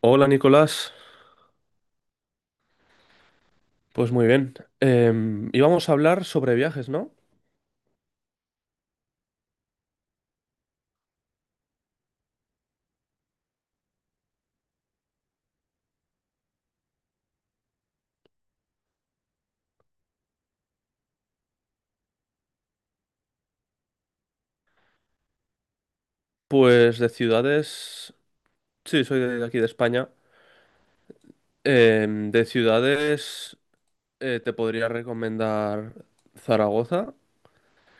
Hola Nicolás, pues muy bien. Íbamos a hablar sobre viajes, ¿no? Pues de ciudades, sí, soy de aquí de España. De ciudades te podría recomendar Zaragoza,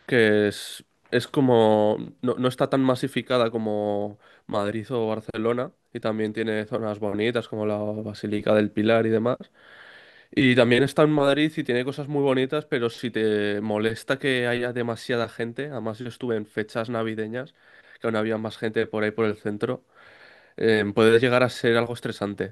que es como, no, no está tan masificada como Madrid o Barcelona, y también tiene zonas bonitas como la Basílica del Pilar y demás. Y también está en Madrid y tiene cosas muy bonitas, pero si te molesta que haya demasiada gente, además yo estuve en fechas navideñas, que aún había más gente por ahí por el centro. Puede llegar a ser algo estresante.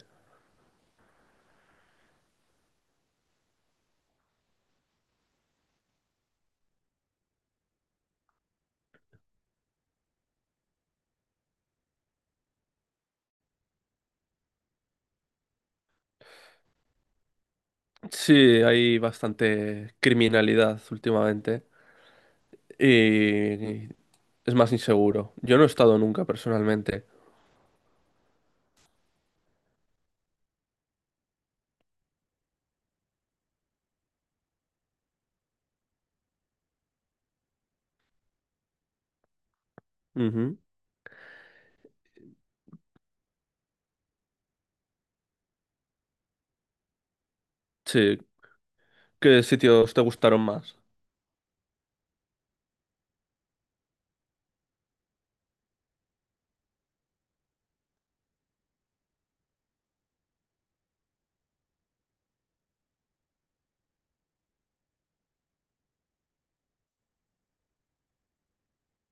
Sí, hay bastante criminalidad últimamente y es más inseguro. Yo no he estado nunca personalmente. Ujú. Sí, ¿qué sitios te gustaron más?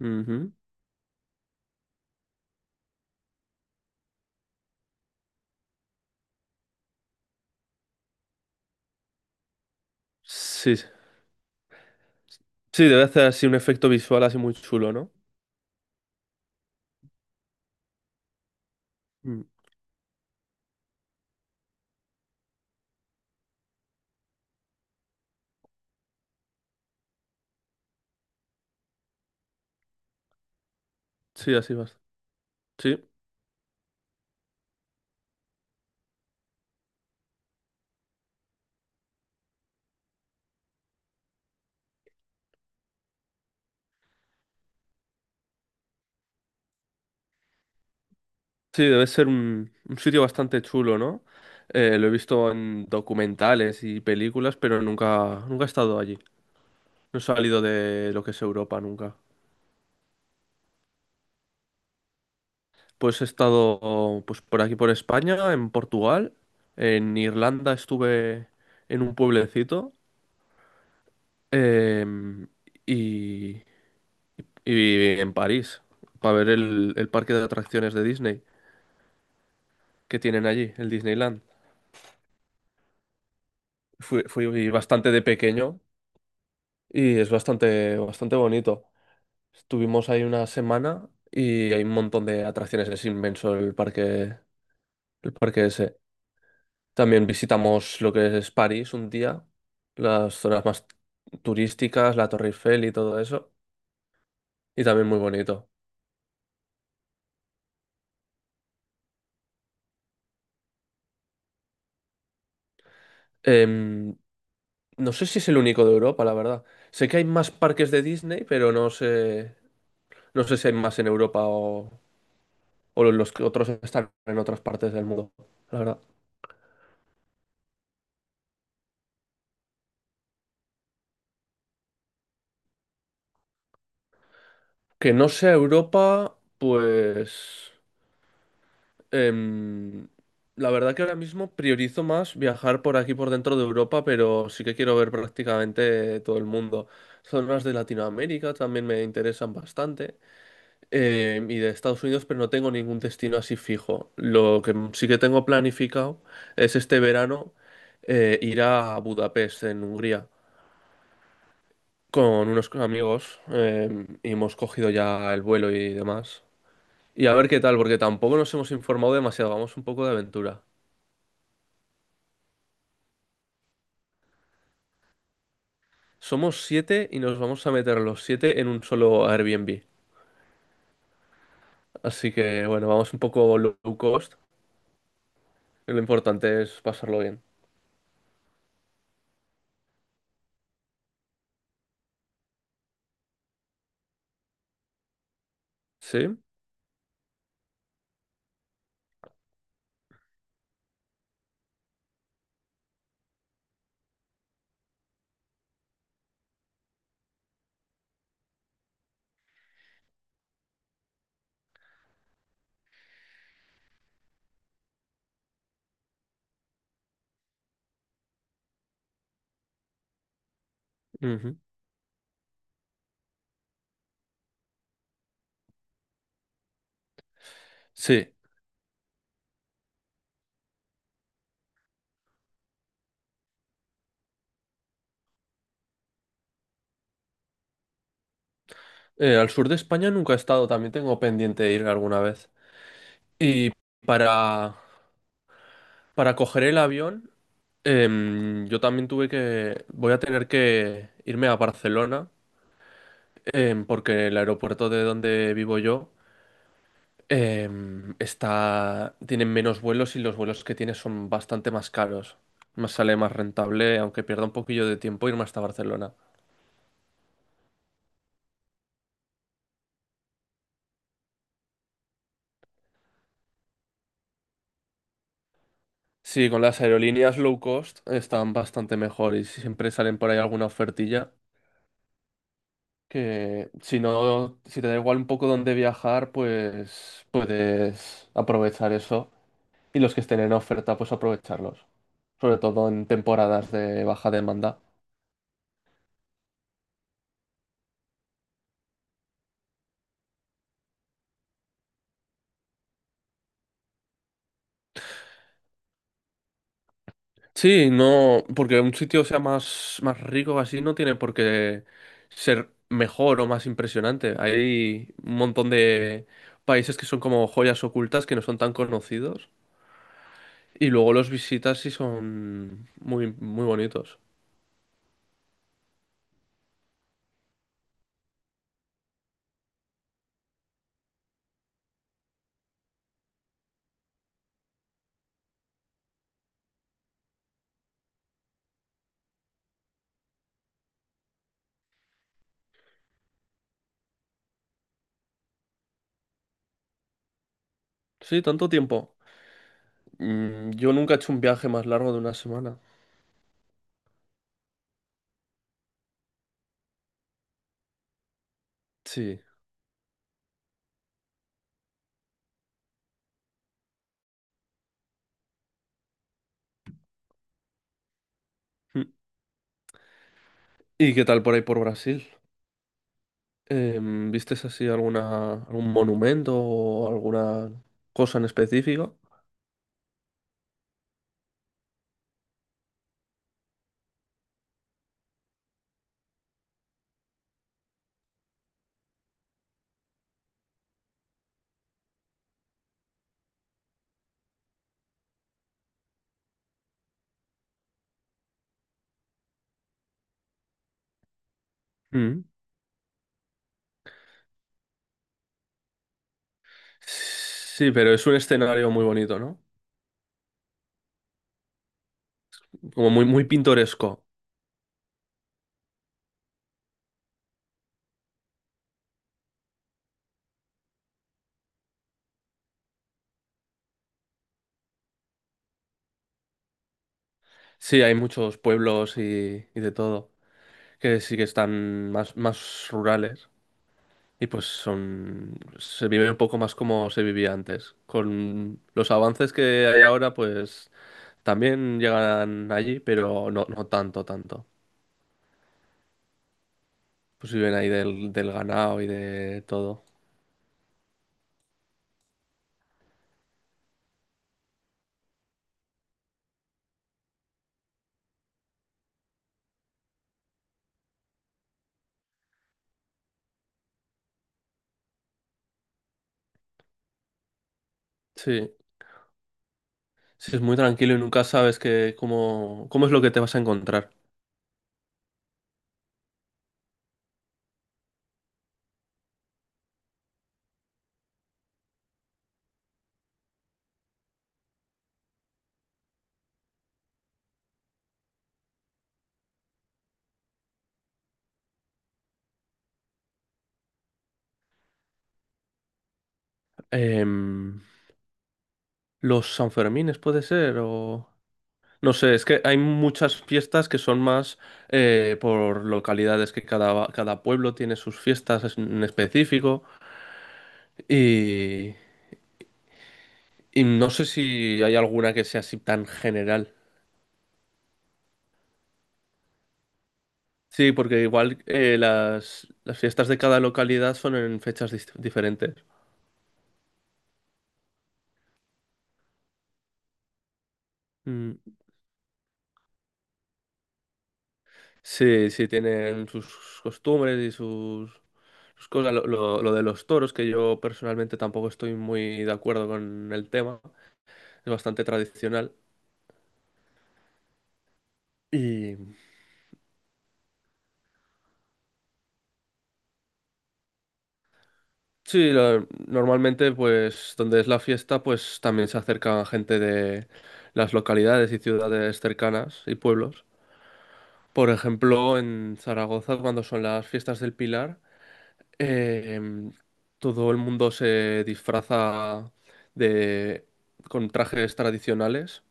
Ujú. Sí, sí, debe hacer así un efecto visual así muy chulo, ¿no? Mm. Sí, así vas. Sí. Sí, debe ser un sitio bastante chulo, ¿no? Lo he visto en documentales y películas, pero nunca, nunca he estado allí. No he salido de lo que es Europa nunca. Pues he estado pues, por aquí, por España, en Portugal, en Irlanda estuve en un pueblecito em, y, y en París, para ver el parque de atracciones de Disney que tienen allí, el Disneyland. Fui bastante de pequeño y es bastante, bastante bonito. Estuvimos ahí una semana y hay un montón de atracciones, es inmenso el parque ese. También visitamos lo que es París un día, las zonas más turísticas, la Torre Eiffel y todo eso, y también muy bonito. Em, no sé si es el único de Europa, la verdad. Sé que hay más parques de Disney, pero no sé si hay más en Europa o los que otros están en otras partes del mundo, la verdad. Que no sea Europa, pues... Em, la verdad que ahora mismo priorizo más viajar por aquí, por dentro de Europa, pero sí que quiero ver prácticamente todo el mundo. Zonas de Latinoamérica también me interesan bastante, y de Estados Unidos, pero no tengo ningún destino así fijo. Lo que sí que tengo planificado es este verano ir a Budapest, en Hungría, con unos amigos, y hemos cogido ya el vuelo y demás. Y a ver qué tal, porque tampoco nos hemos informado demasiado, vamos un poco de aventura. Somos siete y nos vamos a meter los siete en un solo Airbnb. Así que bueno, vamos un poco low cost. Lo importante es pasarlo bien. ¿Sí? Ujú. Sí. Al sur de España nunca he estado, también tengo pendiente ir alguna vez. Y para, para coger el avión, yo también tuve que... Voy a tener que irme a Barcelona, porque el aeropuerto de donde vivo yo tienen menos vuelos y los vuelos que tiene son bastante más caros. Más sale más rentable, aunque pierda un poquillo de tiempo, irme hasta Barcelona. Sí, con las aerolíneas low cost están bastante mejor y siempre salen por ahí alguna ofertilla que si no, si te da igual un poco dónde viajar, pues puedes aprovechar eso y los que estén en oferta, pues aprovecharlos, sobre todo en temporadas de baja demanda. Sí, no, porque un sitio sea más, más rico así no tiene por qué ser mejor o más impresionante. Hay un montón de países que son como joyas ocultas que no son tan conocidos y luego los visitas y son muy, muy bonitos. Sí, tanto tiempo. Mm, yo nunca he hecho un viaje más largo de una semana. Sí. Mm. ¿Y qué tal por ahí por Brasil? ¿Vistes así alguna, algún monumento o alguna cosa en específico? Mm. Sí, pero es un escenario muy bonito, ¿no? Como muy, muy pintoresco. Sí, hay muchos pueblos y de todo, que sí que están más, más rurales y pues son, se vive un poco más como se vivía antes. Con los avances que hay ahora, pues también llegan allí, pero no, no tanto, tanto. Pues viven ahí del, del ganado y de todo. Sí, sí, es muy tranquilo y nunca sabes que, cómo, cómo es lo que te vas a encontrar. Em, Los Sanfermines puede ser, o... No sé, es que hay muchas fiestas que son más por localidades, que cada, cada pueblo tiene sus fiestas es- en específico y, y no sé si hay alguna que sea así tan general. Sí, porque igual las fiestas de cada localidad son en fechas dis- diferentes. Mm, sí, sí, tienen sus costumbres y sus, sus cosas. Lo de los toros, que yo personalmente tampoco estoy muy de acuerdo con el tema. Es bastante tradicional. Y sí, normalmente pues donde es la fiesta pues también se acerca gente de las localidades y ciudades cercanas y pueblos. Por ejemplo, en Zaragoza cuando son las fiestas del Pilar, em, todo el mundo se disfraza de con trajes tradicionales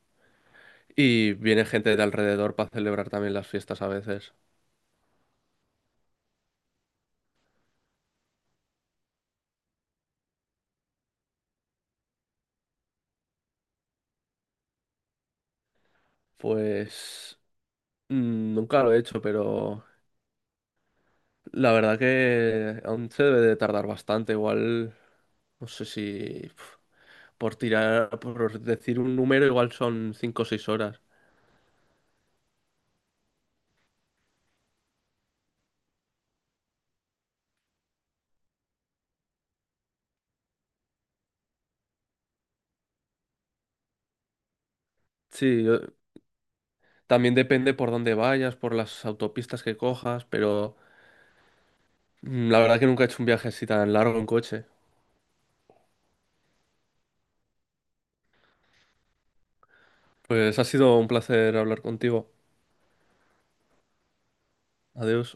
y viene gente de alrededor para celebrar también las fiestas a veces. Pues nunca lo he hecho, pero la verdad que aún se debe de tardar bastante, igual, no sé si por tirar, por decir un número, igual son 5 o 6 horas. Sí, también depende por dónde vayas, por las autopistas que cojas, pero la verdad que nunca he hecho un viaje así tan largo en coche. Pues ha sido un placer hablar contigo. Adiós.